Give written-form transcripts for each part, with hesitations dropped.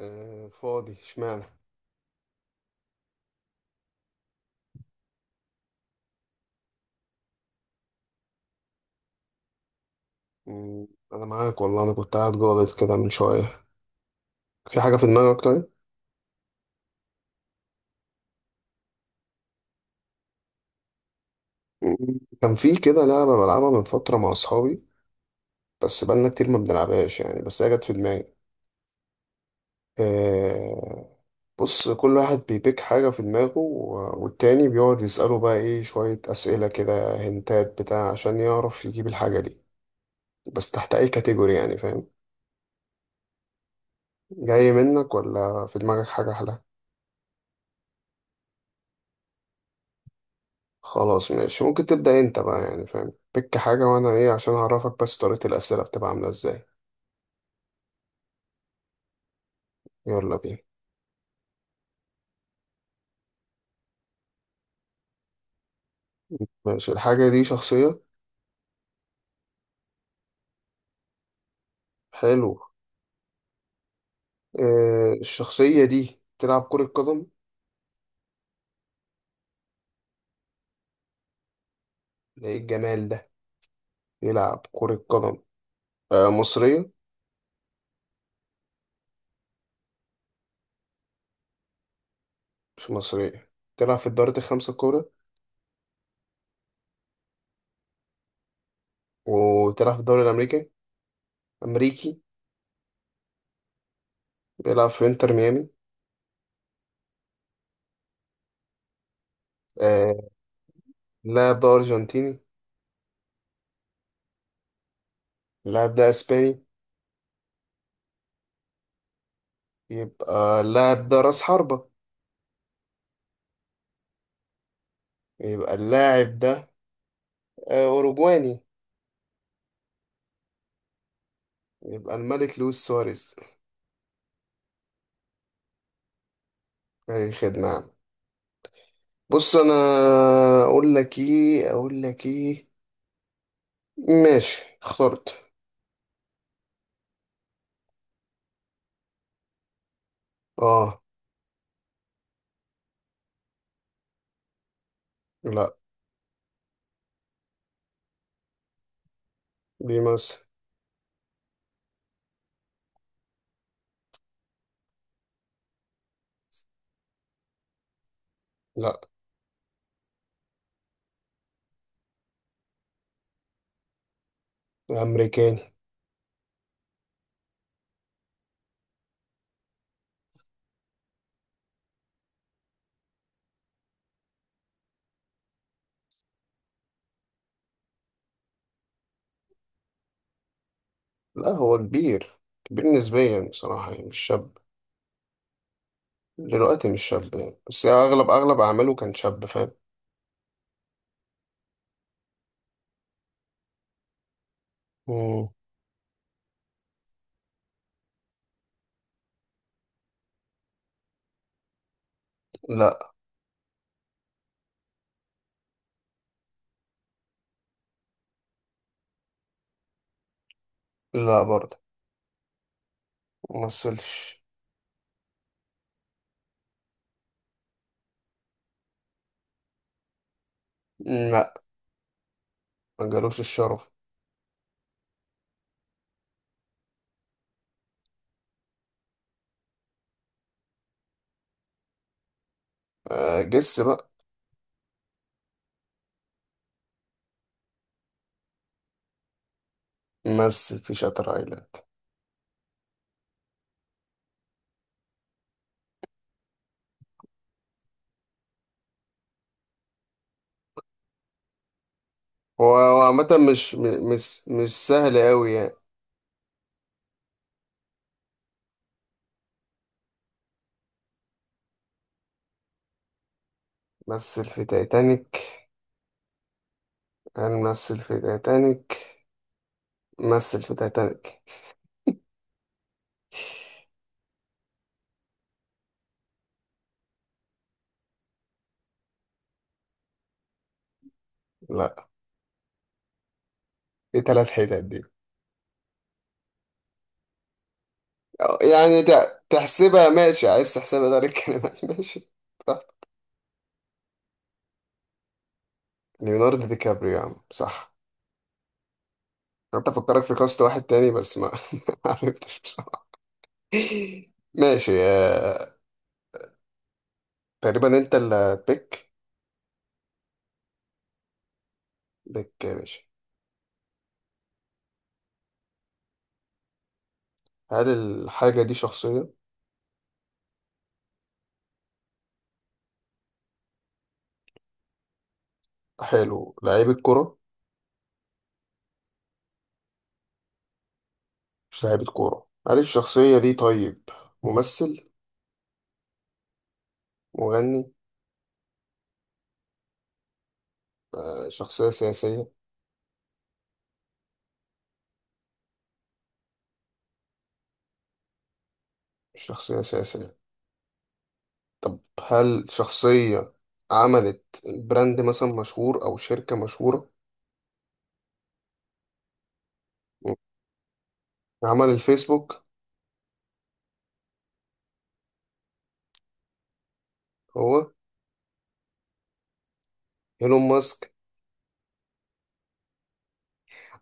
آه، فاضي اشمعنى مم، انا معاك والله. انا كنت قاعد جاضد كده من شويه. في حاجه في دماغك طيب؟ كان في كده لعبه بلعبها من فتره مع اصحابي، بس بقالنا كتير ما بنلعبهاش يعني، بس هي جت في دماغي. آه، بص، كل واحد بيبيك حاجه في دماغه والتاني بيقعد يساله بقى ايه، شويه اسئله كده هنتات بتاع عشان يعرف يجيب الحاجه دي، بس تحت اي كاتيجوري يعني، فاهم؟ جاي منك ولا في دماغك حاجه احلى؟ خلاص ماشي، ممكن تبدأ انت بقى يعني، فاهم بك حاجة وانا ايه عشان اعرفك، بس طريقة الأسئلة بتبقى عاملة ازاي؟ يلا بينا. ماشي، الحاجة دي شخصية. حلو. آه، الشخصية دي تلعب كرة قدم. ده ايه الجمال ده. يلعب كرة قدم. آه، مصرية. مش مصرية. تلعب في الدوري الخمسة الكبرى. وتلعب في الدوري الأمريكي. أمريكي. بيلعب في انتر ميامي. آه. اللاعب ده أرجنتيني. اللاعب ده أسباني. يبقى اللاعب ده رأس حربة. يبقى اللاعب ده آه، أوروجواني. يبقى الملك لويس سواريز. أي خدمة يا عم. بص أنا، أقول لك إيه؟ ماشي اخترت. آه، لا. بيمثل. لا. أمريكاني. لا، هو كبير. كبير نسبيا بصراحة يعني، مش شاب دلوقتي، مش شاب يعني، بس أغلب أعماله كان شاب، فاهم؟ مم. لا. لا برضه. ممثلش. لا. ما جالوش الشرف. آه، جس بقى. مثل في شاتر ايلاند هو عامة مش مش سهل أوي يعني. مثل في تايتانيك. هنمثل في تايتانيك. مثل في تايتانيك. لا. ايه تلات حتت دي؟ تحسبها؟ ماشي، عايز تحسبها ده الكلمات ماشي براحتك. ليوناردو دي كابريو يا عم، صح. كنت أفكرك في كاست واحد تاني بس ما ما عرفتش بصراحة. ماشي آه، تقريبا أنت اللي بيك. بيك يا باشا. هل الحاجة دي شخصية؟ حلو. لعيب الكرة؟ مش لاعيبة كورة. هل الشخصية دي طيب ممثل؟ مغني؟ آه، شخصية سياسية؟ مش شخصية سياسية. هل شخصية عملت براند مثلا مشهور أو شركة مشهورة؟ م. عمل الفيسبوك. هو إيلون ماسك.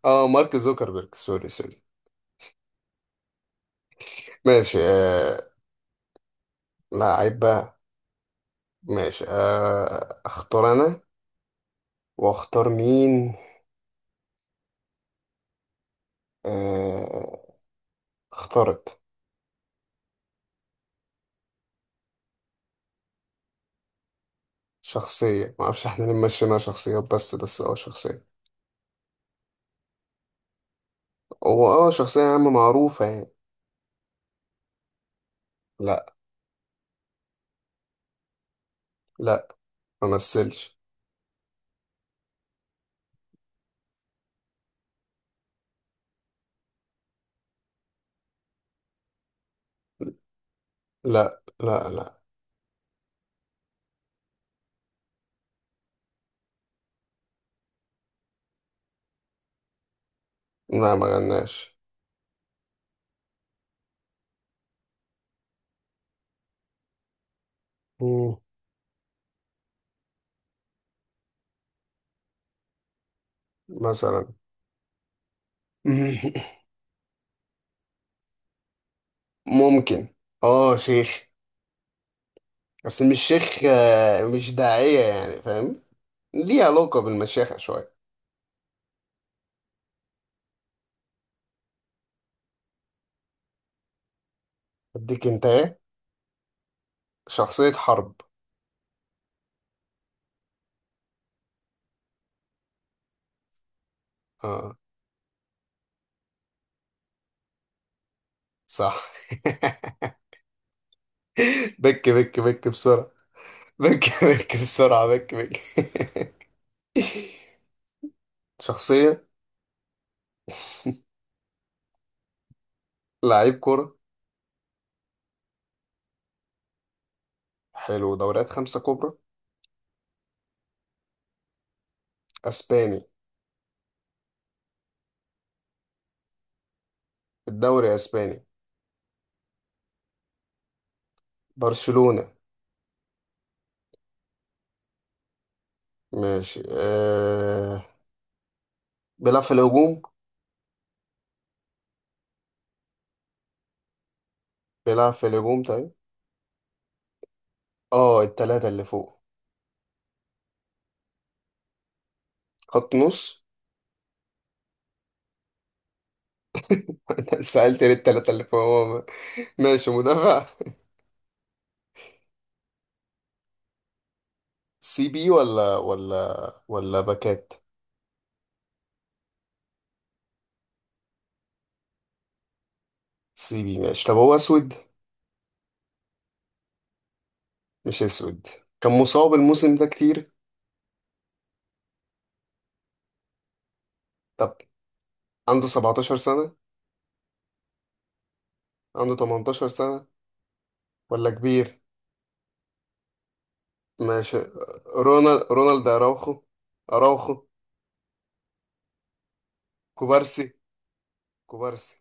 اه، مارك زوكربيرج. سوري سوري. ماشي آه. لعيب بقى. ماشي آه، اختار انا. واختار مين؟ آه، اخترت شخصية. معرفش احنا ليه ماشيينها شخصيات، بس اه شخصية. هو اه شخصية يا عم معروفة يعني. لا. لا، ما مثلش. لا، لا ما غناش. مم، مثلا ممكن. اه شيخ، بس مش شيخ آه، مش داعية يعني، فاهم؟ ليه علاقة بالمشيخة شوية. اديك انت ايه. شخصية حرب. اه صح. بك بك بك بسرعة، بك بك بسرعة، بك بك شخصية. لعيب كرة. حلو، دوريات خمسة كبرى. اسباني. الدوري اسباني. برشلونة. ماشي أه، بيلعب في الهجوم. بيلعب في الهجوم طيب. اه، التلاتة اللي فوق. خط نص. أنت سألت ليه التلاتة اللي فوق هو؟ ماشي، مدافع. سي بي ولا ولا باكات. سي بي ماشي. طب هو اسود؟ مش اسود. كان مصاب الموسم ده كتير. طب، عنده 17 سنة؟ عنده 18 سنة؟ ولا كبير؟ ماشي، رونالد اراوخو. اراوخو. كوبارسي. كوبارسي.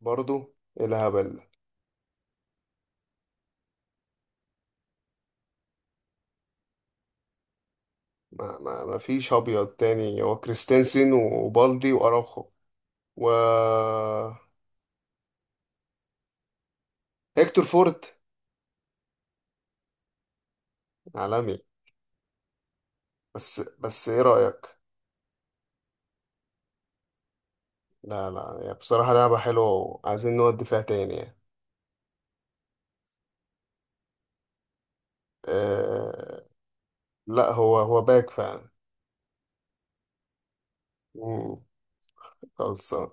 برضو. إيه الهبل ده؟ ما فيش ابيض تاني. هو كريستنسن وبالدي واراوخو و هيكتور فورت. عالمي. بس ايه رأيك؟ لا، لا هي بصراحة لعبة حلوة وعايزين نودي فيها تاني يعني. أه لا، هو باك فعلا. مم، خلصان.